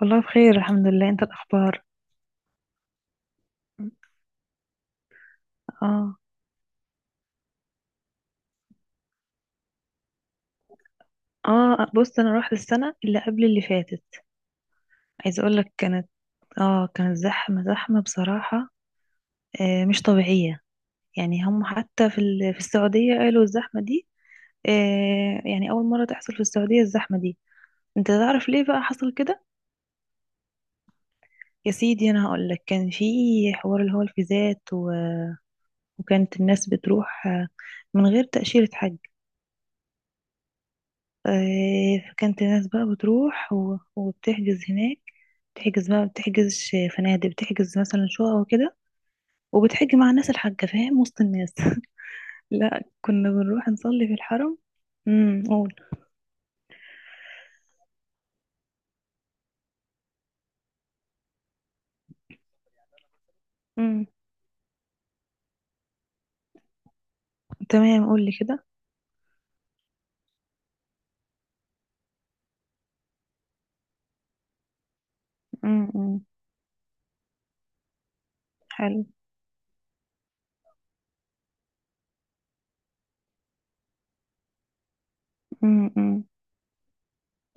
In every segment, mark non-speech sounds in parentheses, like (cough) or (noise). والله بخير، الحمد لله. انت، الاخبار؟ اه، اه. بص، انا رحت السنه اللي قبل اللي فاتت. عايزه اقول لك، كانت زحمه زحمه بصراحه. آه، مش طبيعيه. يعني هم حتى في السعوديه قالوا الزحمه دي. آه، يعني اول مره تحصل في السعوديه الزحمه دي. انت تعرف ليه بقى حصل كده؟ يا سيدي، انا هقول لك. كان في حوار، اللي هو الفيزات و... وكانت الناس بتروح، من غير تاشيره حج. فكانت الناس بقى بتروح وبتحجز هناك. بتحجز بقى فنادق، بتحجز مثلا شقق وكده. وبتحج مع الناس الحاجة، فاهم، وسط الناس. (laughs) لا، كنا بنروح نصلي في الحرم. قول. امم تمام. قول لي كده. امم، أمم. حلو. امم، أمم.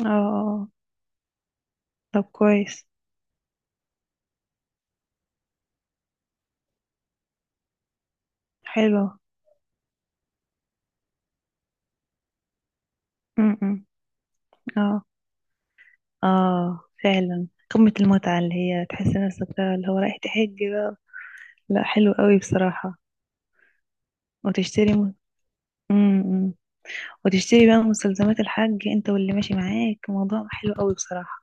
اه، آه. آه. طب، كويس. حلو. امم، أمم. اه، اه، فعلا قمة المتعة، اللي هي تحس نفسك بقى اللي هو رايح تحج بقى. لا، حلو قوي بصراحة. وتشتري مم. وتشتري بقى مستلزمات الحج انت واللي ماشي معاك. موضوع حلو قوي بصراحة.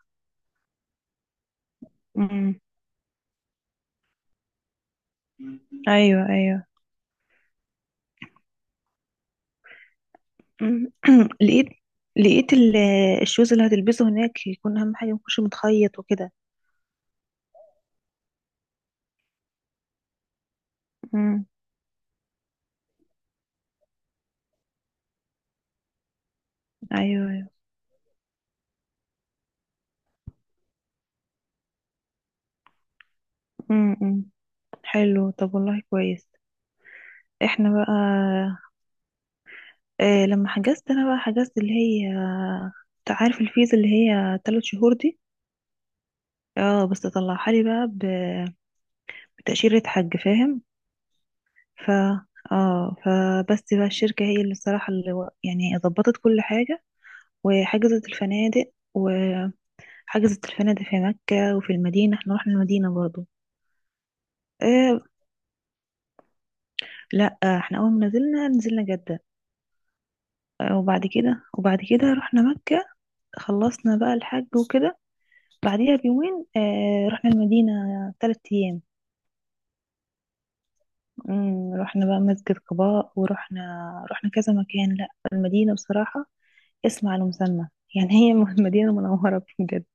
امم. ايوه، ايوه. مم. (clears throat) لقيت لقيت الشوز اللي هتلبسه هناك يكون اهم حاجة ميكونش متخيط وكده. امم. ايوه، ايوه. امم، أمم. حلو. طب، والله كويس. احنا بقى. اه، لما حجزت انا بقى، حجزت اللي هي، انت عارف الفيزا اللي هي 3 شهور دي. اه، بس طلعها لي بقى بتأشيرة حج، فاهم؟ ف اه، فبس بقى الشركة هي اللي، الصراحة، اللي يعني ظبطت كل حاجة. وحجزت الفنادق، وحجزت الفنادق في مكة وفي المدينة. احنا رحنا المدينة برضو. اه. لا، احنا اول ما نزلنا نزلنا جدة. وبعد كده رحنا مكة. خلصنا بقى الحج وكده. بعديها بيومين رحنا المدينة. 3 أيام. مم، رحنا بقى مسجد قباء، ورحنا كذا مكان. لا، المدينة بصراحة اسم على مسمى. يعني هي (laughs) مدينة منورة بجد.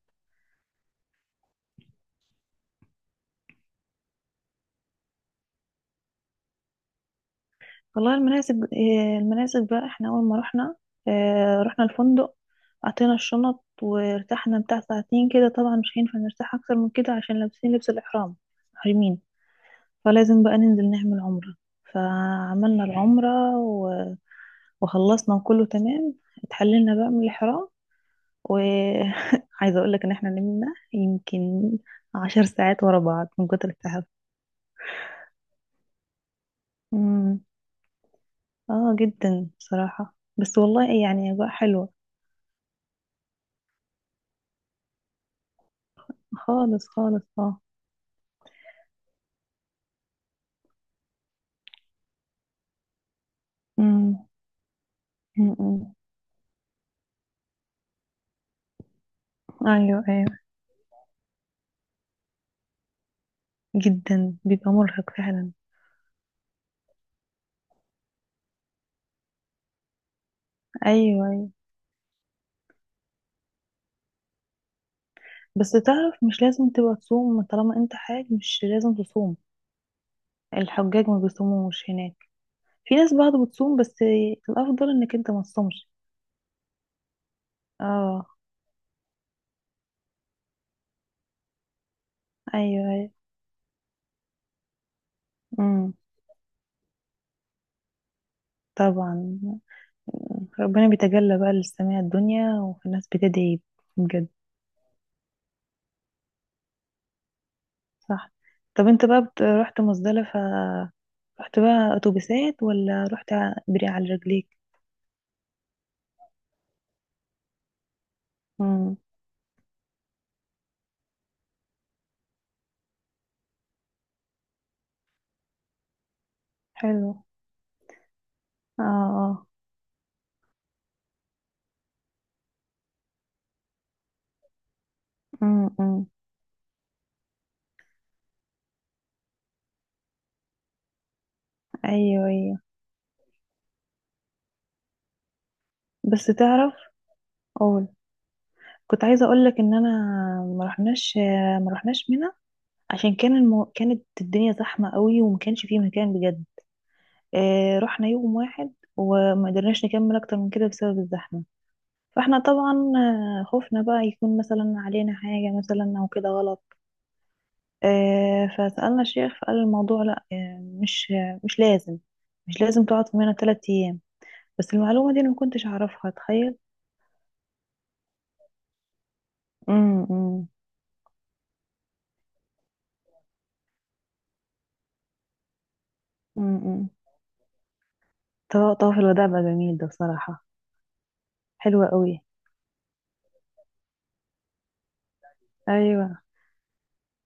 والله المناسب بقى، احنا أول ما رحنا، رحنا الفندق. أعطينا الشنط وارتحنا بتاع ساعتين كده. طبعا مش هينفع نرتاح أكتر من كده عشان لابسين لبس الإحرام، محرمين. فلازم بقى ننزل نعمل عمرة. فعملنا العمرة وخلصنا، وكله تمام. اتحللنا بقى من الإحرام. وعايزة (laughs) أقولك إن احنا نمنا يمكن 10 ساعات ورا بعض من كتر التعب. اه، جدا بصراحة. بس والله يعني أجواء حلوة. خالص، خالص، اه. أمم. أمم. أيوة، أيوة. جدا بيبقى مرهق فعلا. أيوة، أيوة. بس تعرف، مش لازم تبقى تصوم. طالما أنت حاج، مش لازم تصوم. الحجاج ما بيصوموش هناك. في ناس بعض بتصوم، بس الأفضل إنك أنت ما تصومش. اه. أيوة، أيوة. أمم. طبعا. ربنا بيتجلى بقى للسماء الدنيا، والناس بتدعي بجد. صح. طب، انت بقى رحت مزدلفة؟ رحت بقى اتوبيسات ولا رحت بري على رجليك؟ امم. حلو. اه، اه. امم، أمم. ايوه، ايوه. بس تعرف. قول. كنت عايزه اقول لك ان انا ما رحناش. ما رحناش منى. عشان كان كانت الدنيا زحمه قوي، وما كانش فيه مكان بجد. آه، رحنا يوم واحد وما قدرناش نكمل اكتر من كده بسبب الزحمه. فاحنا طبعا، خفنا بقى يكون مثلا علينا حاجه، مثلا او كده غلط. فسألنا الشيخ فقال الموضوع، لا، مش. مش لازم. مش لازم تقعد في منى 3 أيام. بس المعلومة دي أنا ما كنتش أعرفها، تخيل. امم، امم. امم. طواف الوداع بقى جميل ده بصراحة. حلوة قوي. ايوه.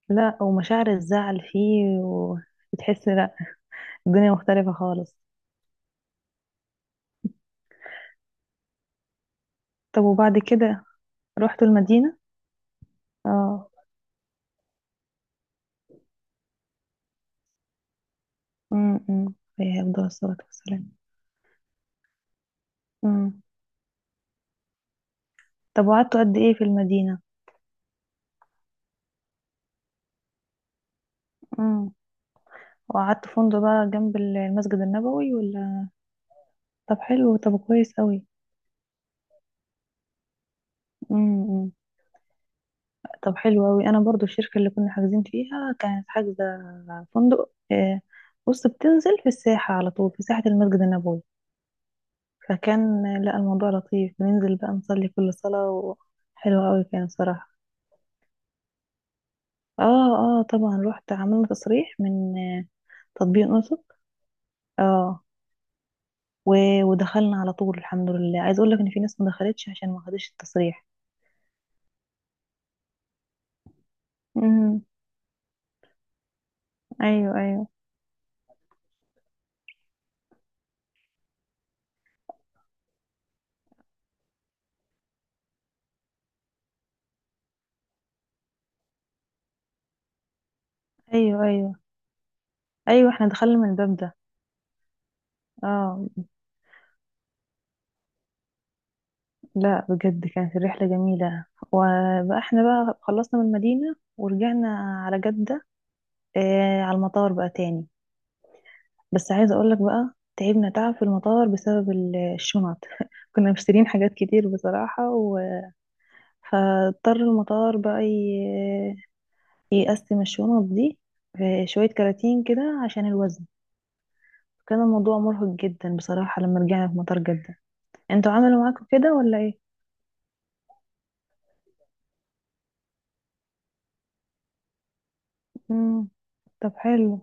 لا، ومشاعر الزعل فيه وبتحس. لا، الدنيا مختلفة خالص. طب، وبعد كده رحتوا المدينة؟ اه. امم. عليه أفضل الصلاة والسلام. امم. طب، وقعدتوا قد إيه في المدينة؟ وقعدت في فندق بقى جنب المسجد النبوي، ولا؟ طب، حلو. طب، كويس قوي. امم. طب، حلو قوي. انا برضو الشركه اللي كنا حاجزين فيها كانت حاجزه فندق، بص، بتنزل في الساحه على طول، في ساحه المسجد النبوي. فكان، لا الموضوع لطيف، بننزل بقى نصلي كل صلاه حلوه قوي كان، صراحه. اه. اه، طبعا رحت، عملنا تصريح من تطبيق نسك. اه. ودخلنا على طول، الحمد لله. عايز اقول لك ان في ناس ما دخلتش عشان ما خدتش التصريح. مم. ايوه، ايوه. ايوه، ايوه. ايوه، احنا دخلنا من الباب ده. اه. لا، بجد كانت الرحله جميله. وبقى احنا بقى خلصنا من المدينه ورجعنا على جده، على المطار بقى تاني. بس عايزه اقول لك بقى، تعبنا تعب في المطار بسبب الشنط. (laughs) كنا مشترين حاجات كتير بصراحه، و... فاضطر المطار بقى يقسم الشنط دي في شويه كراتين كده عشان الوزن. كان الموضوع مرهق جدا بصراحه لما رجعنا في مطار جده. انتوا عملوا معاكم كده ولا ايه؟ مم. طب، حلو.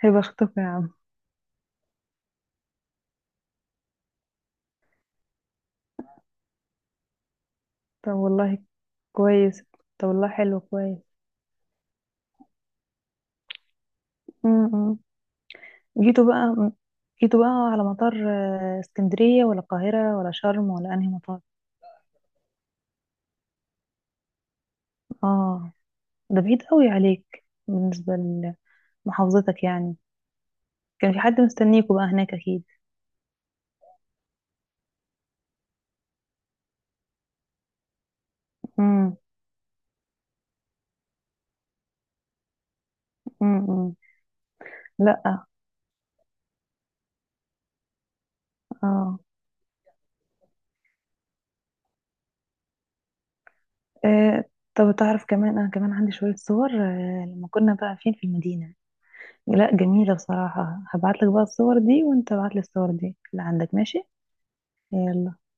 هيبقى اختكم يا عم. طب، والله كويس. طب، والله حلو، كويس. مم. جيتوا بقى. جيتوا بقى على مطار، اسكندرية ولا القاهرة ولا شرم ولا انهي مطار؟ اه، ده بعيد قوي عليك بالنسبة لمحافظتك يعني. كان في حد مستنيكوا بقى هناك، اكيد؟ مم. مم. لا، اه، آه، طب تعرف، كمان انا كمان عندي شوية صور، لما كنا بقى فين في المدينة. لا، جميلة بصراحة. هبعتلك بقى الصور دي وانت ابعتلي الصور دي اللي عندك، ماشي؟ يلا.